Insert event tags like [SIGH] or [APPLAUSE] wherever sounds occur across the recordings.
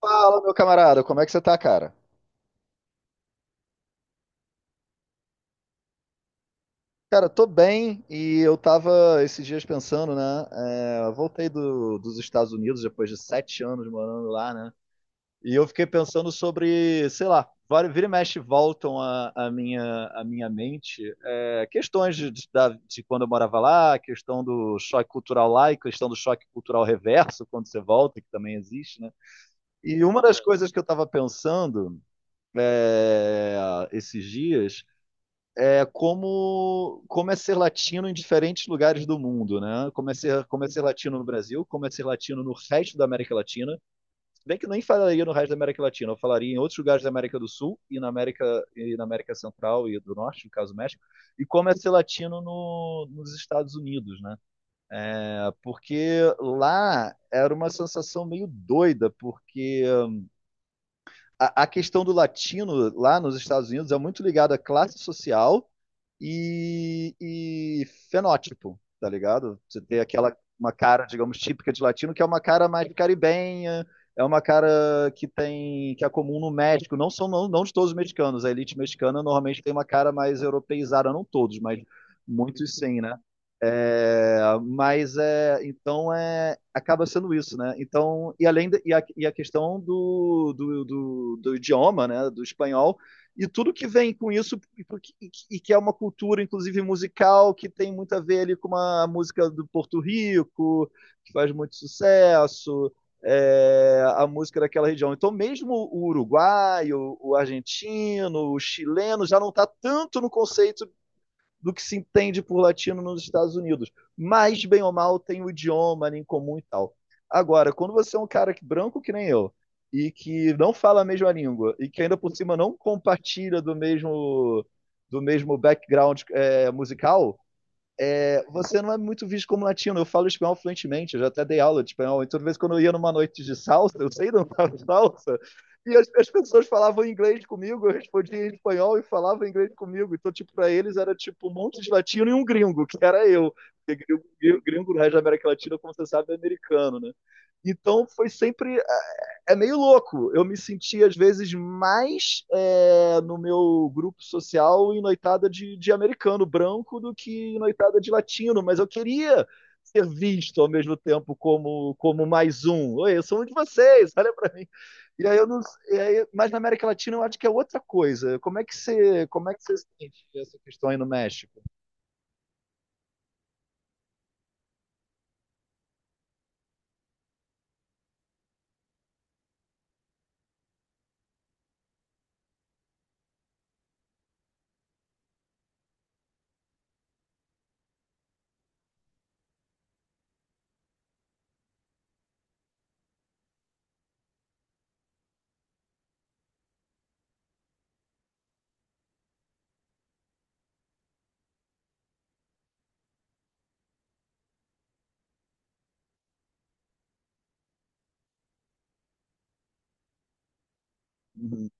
Fala, meu camarada, como é que você tá, cara? Cara, tô bem e eu tava esses dias pensando, né? Eu voltei dos Estados Unidos depois de 7 anos morando lá, né? E eu fiquei pensando sobre, sei lá, vira e mexe voltam à minha mente, questões de quando eu morava lá, questão do choque cultural lá e questão do choque cultural reverso quando você volta, que também existe, né? E uma das coisas que eu estava pensando é, esses dias. É como ser latino em diferentes lugares do mundo, né? Como é ser latino no Brasil, como é ser latino no resto da América Latina. Se bem que eu nem falaria no resto da América Latina, eu falaria em outros lugares da América do Sul e na América Central e do Norte, no caso do México, e como é ser latino no, nos Estados Unidos, né? É, porque lá era uma sensação meio doida, porque a questão do latino lá nos Estados Unidos é muito ligada à classe social e fenótipo, tá ligado? Você tem aquela uma cara, digamos, típica de latino, que é uma cara mais caribenha, é uma cara que é comum no México, não são não, não de todos os mexicanos, a elite mexicana normalmente tem uma cara mais europeizada, não todos, mas muitos sim, né? Mas então, acaba sendo isso, né? Então, e a questão do idioma, né? Do espanhol e tudo que vem com isso e que é uma cultura, inclusive musical, que tem muito a ver ali com uma música do Porto Rico que faz muito sucesso, a música daquela região. Então, mesmo o uruguaio, o argentino, o chileno já não está tanto no conceito do que se entende por latino nos Estados Unidos. Mas, bem ou mal, tem o idioma ali em comum e tal. Agora, quando você é um cara branco que nem eu, e que não fala a mesma língua, e que ainda por cima não compartilha do mesmo background musical. Você não é muito visto como latino. Eu falo espanhol fluentemente, eu já até dei aula de espanhol. Então, de vez em quando eu ia numa noite de salsa, eu sei dançar salsa, e as pessoas falavam inglês comigo, eu respondia em espanhol e falavam inglês comigo. Então, tipo, para eles era tipo um monte de latino e um gringo, que era eu. Porque gringo, gringo no resto da América Latina, como você sabe, é americano, né? Então foi sempre meio louco. Eu me senti, às vezes, mais no meu grupo social em noitada de americano branco do que em noitada de latino, mas eu queria ser visto ao mesmo tempo como mais um. Oi, eu sou um de vocês, olha para mim. E aí eu não, e aí, mas na América Latina eu acho que é outra coisa. Como é que você sente essa questão aí no México? Uhum.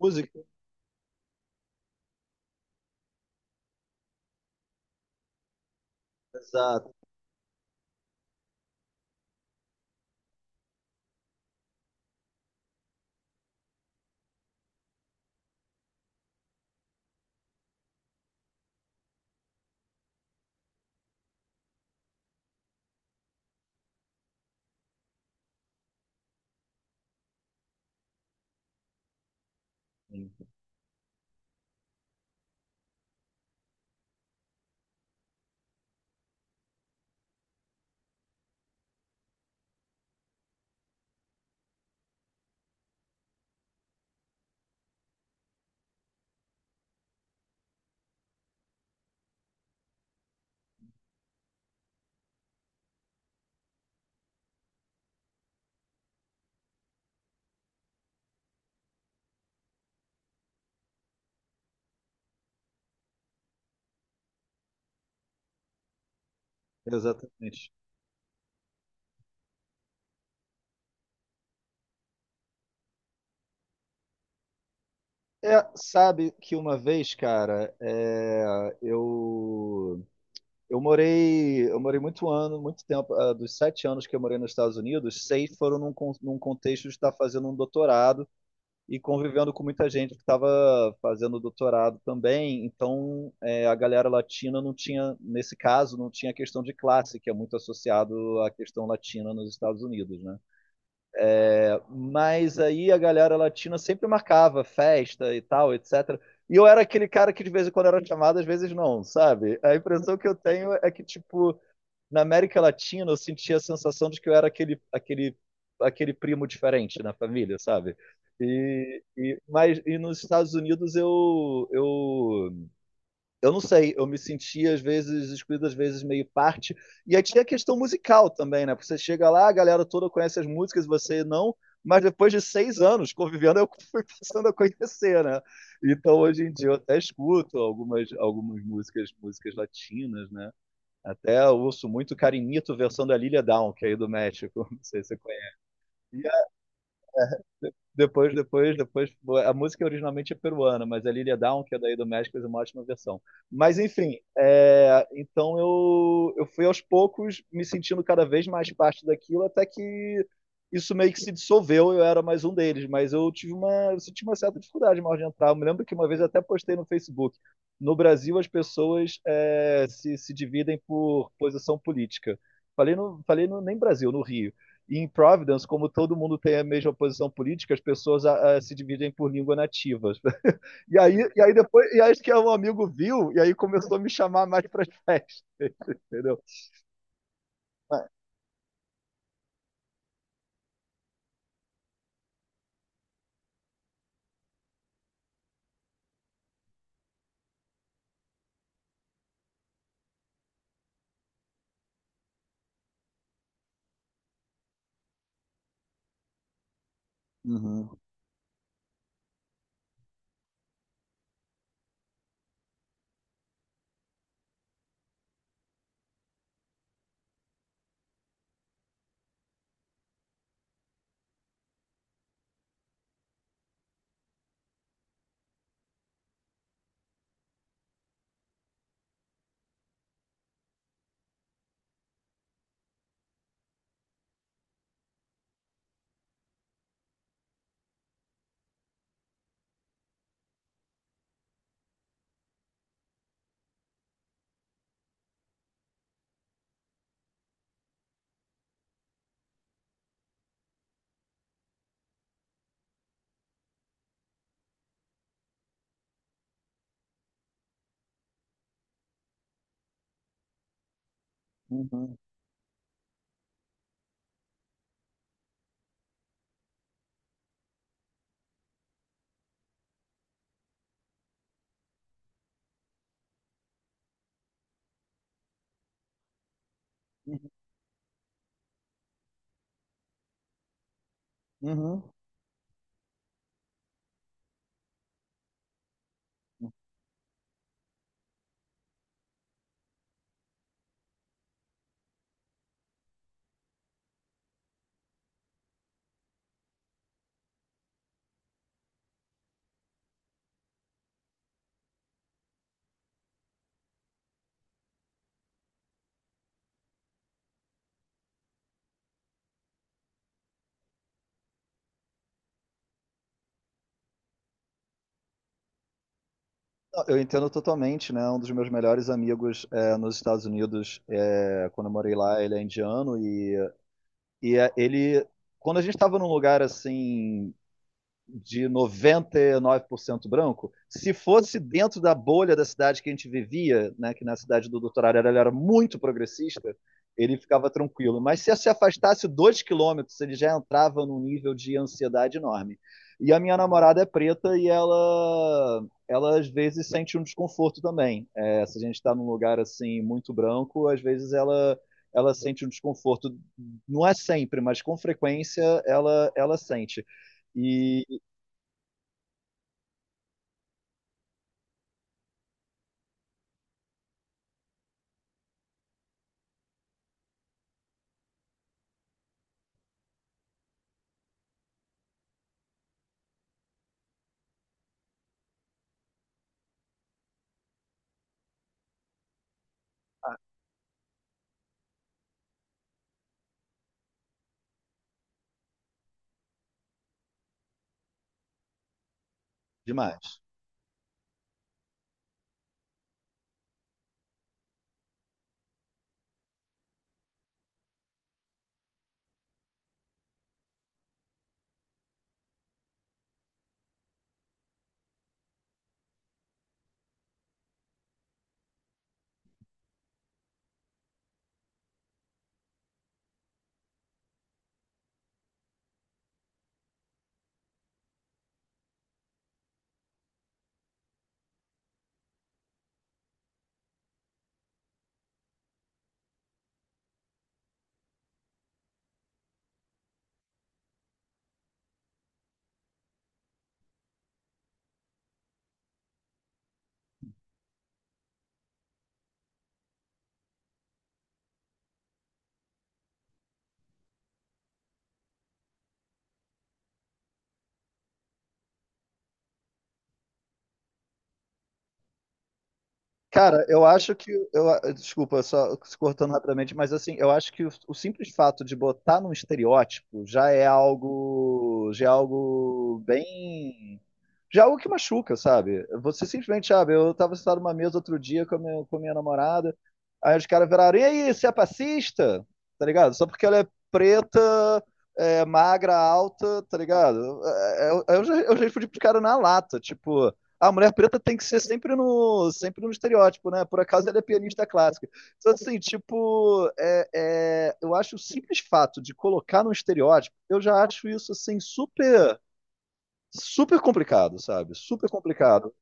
Música? Exato. Exatamente. Sabe que uma vez, cara, eu morei muito tempo, dos 7 anos que eu morei nos Estados Unidos, seis foram num contexto de estar fazendo um doutorado e convivendo com muita gente que estava fazendo doutorado também. Então, a galera latina não tinha, nesse caso, não tinha a questão de classe, que é muito associado à questão latina nos Estados Unidos, né? Mas aí a galera latina sempre marcava festa e tal, etc. E eu era aquele cara que de vez em quando era chamado, às vezes não, sabe? A impressão que eu tenho é que, tipo, na América Latina eu sentia a sensação de que eu era aquele primo diferente na família, sabe? E, mas, nos Estados Unidos eu não sei, eu me sentia às vezes excluído, às vezes meio parte. E aí tinha a questão musical também, né? Porque você chega lá, a galera toda conhece as músicas, você não. Mas depois de 6 anos convivendo, [LAUGHS] eu fui passando a conhecer, né? Então hoje em dia eu até escuto algumas músicas latinas, né? Até eu ouço muito Carinito versão da Lilia Down, que é aí do México, [LAUGHS] não sei se você conhece. Depois, depois, depois. A música originalmente é peruana, mas a Lilia Down, que é daí do México, fez uma ótima versão. Mas, enfim, então eu fui aos poucos me sentindo cada vez mais parte daquilo, até que isso meio que se dissolveu, eu era mais um deles. Mas eu senti uma certa dificuldade mais de entrar. Eu me lembro que uma vez eu até postei no Facebook. No Brasil, as pessoas se dividem por posição política. Falei, nem Brasil, no Rio. E em Providence, como todo mundo tem a mesma posição política, as pessoas se dividem por língua nativa. [LAUGHS] E aí depois, e acho que é um amigo viu, e aí começou a me chamar mais para as festas, [LAUGHS] entendeu? Ah, uhum, uhum, uhum, uhum. Eu entendo totalmente, né? Um dos meus melhores amigos nos Estados Unidos, quando eu morei lá, ele é indiano e ele, quando a gente estava num lugar assim de 99% branco, se fosse dentro da bolha da cidade que a gente vivia, né, que na cidade do Dr. Arara ele era muito progressista, ele ficava tranquilo. Mas se afastasse 2 km, ele já entrava num nível de ansiedade enorme. E a minha namorada é preta e ela às vezes sente um desconforto também. Se a gente está num lugar assim muito branco, às vezes ela sente um desconforto. Não é sempre, mas com frequência ela sente. E demais. Cara, eu acho que. Eu, desculpa, só se cortando rapidamente, mas assim, eu acho que o simples fato de botar num estereótipo já é algo. Já é algo bem. Já é algo que machuca, sabe? Você simplesmente, sabe, eu tava sentado numa mesa outro dia com a minha namorada, aí os caras viraram, e aí, você é passista? Tá ligado? Só porque ela é preta, magra, alta, tá ligado? Eu já respondi pro cara na lata, tipo. A mulher preta tem que ser sempre no estereótipo, né? Por acaso ela é pianista clássica. Então, assim, tipo, eu acho o simples fato de colocar num estereótipo, eu já acho isso, assim, super, super complicado, sabe? Super complicado.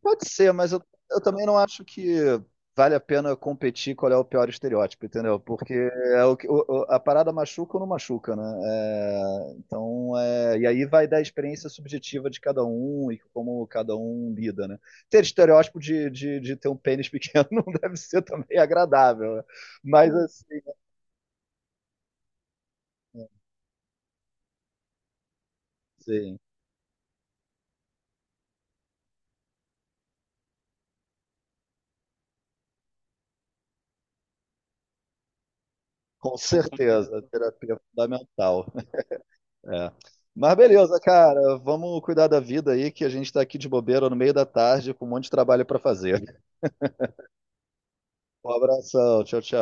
Pode ser, mas eu também não acho que vale a pena competir qual é o pior estereótipo, entendeu? Porque é o, que- o- a parada machuca ou não machuca, né? Então, e aí vai da experiência subjetiva de cada um e como cada um lida, né? Ter estereótipo de ter um pênis pequeno [LAUGHS] não deve ser também agradável, né? Mas assim, sim, com certeza, a terapia é fundamental. É. Mas beleza, cara. Vamos cuidar da vida aí, que a gente tá aqui de bobeira no meio da tarde com um monte de trabalho pra fazer. Um abração. Tchau, tchau.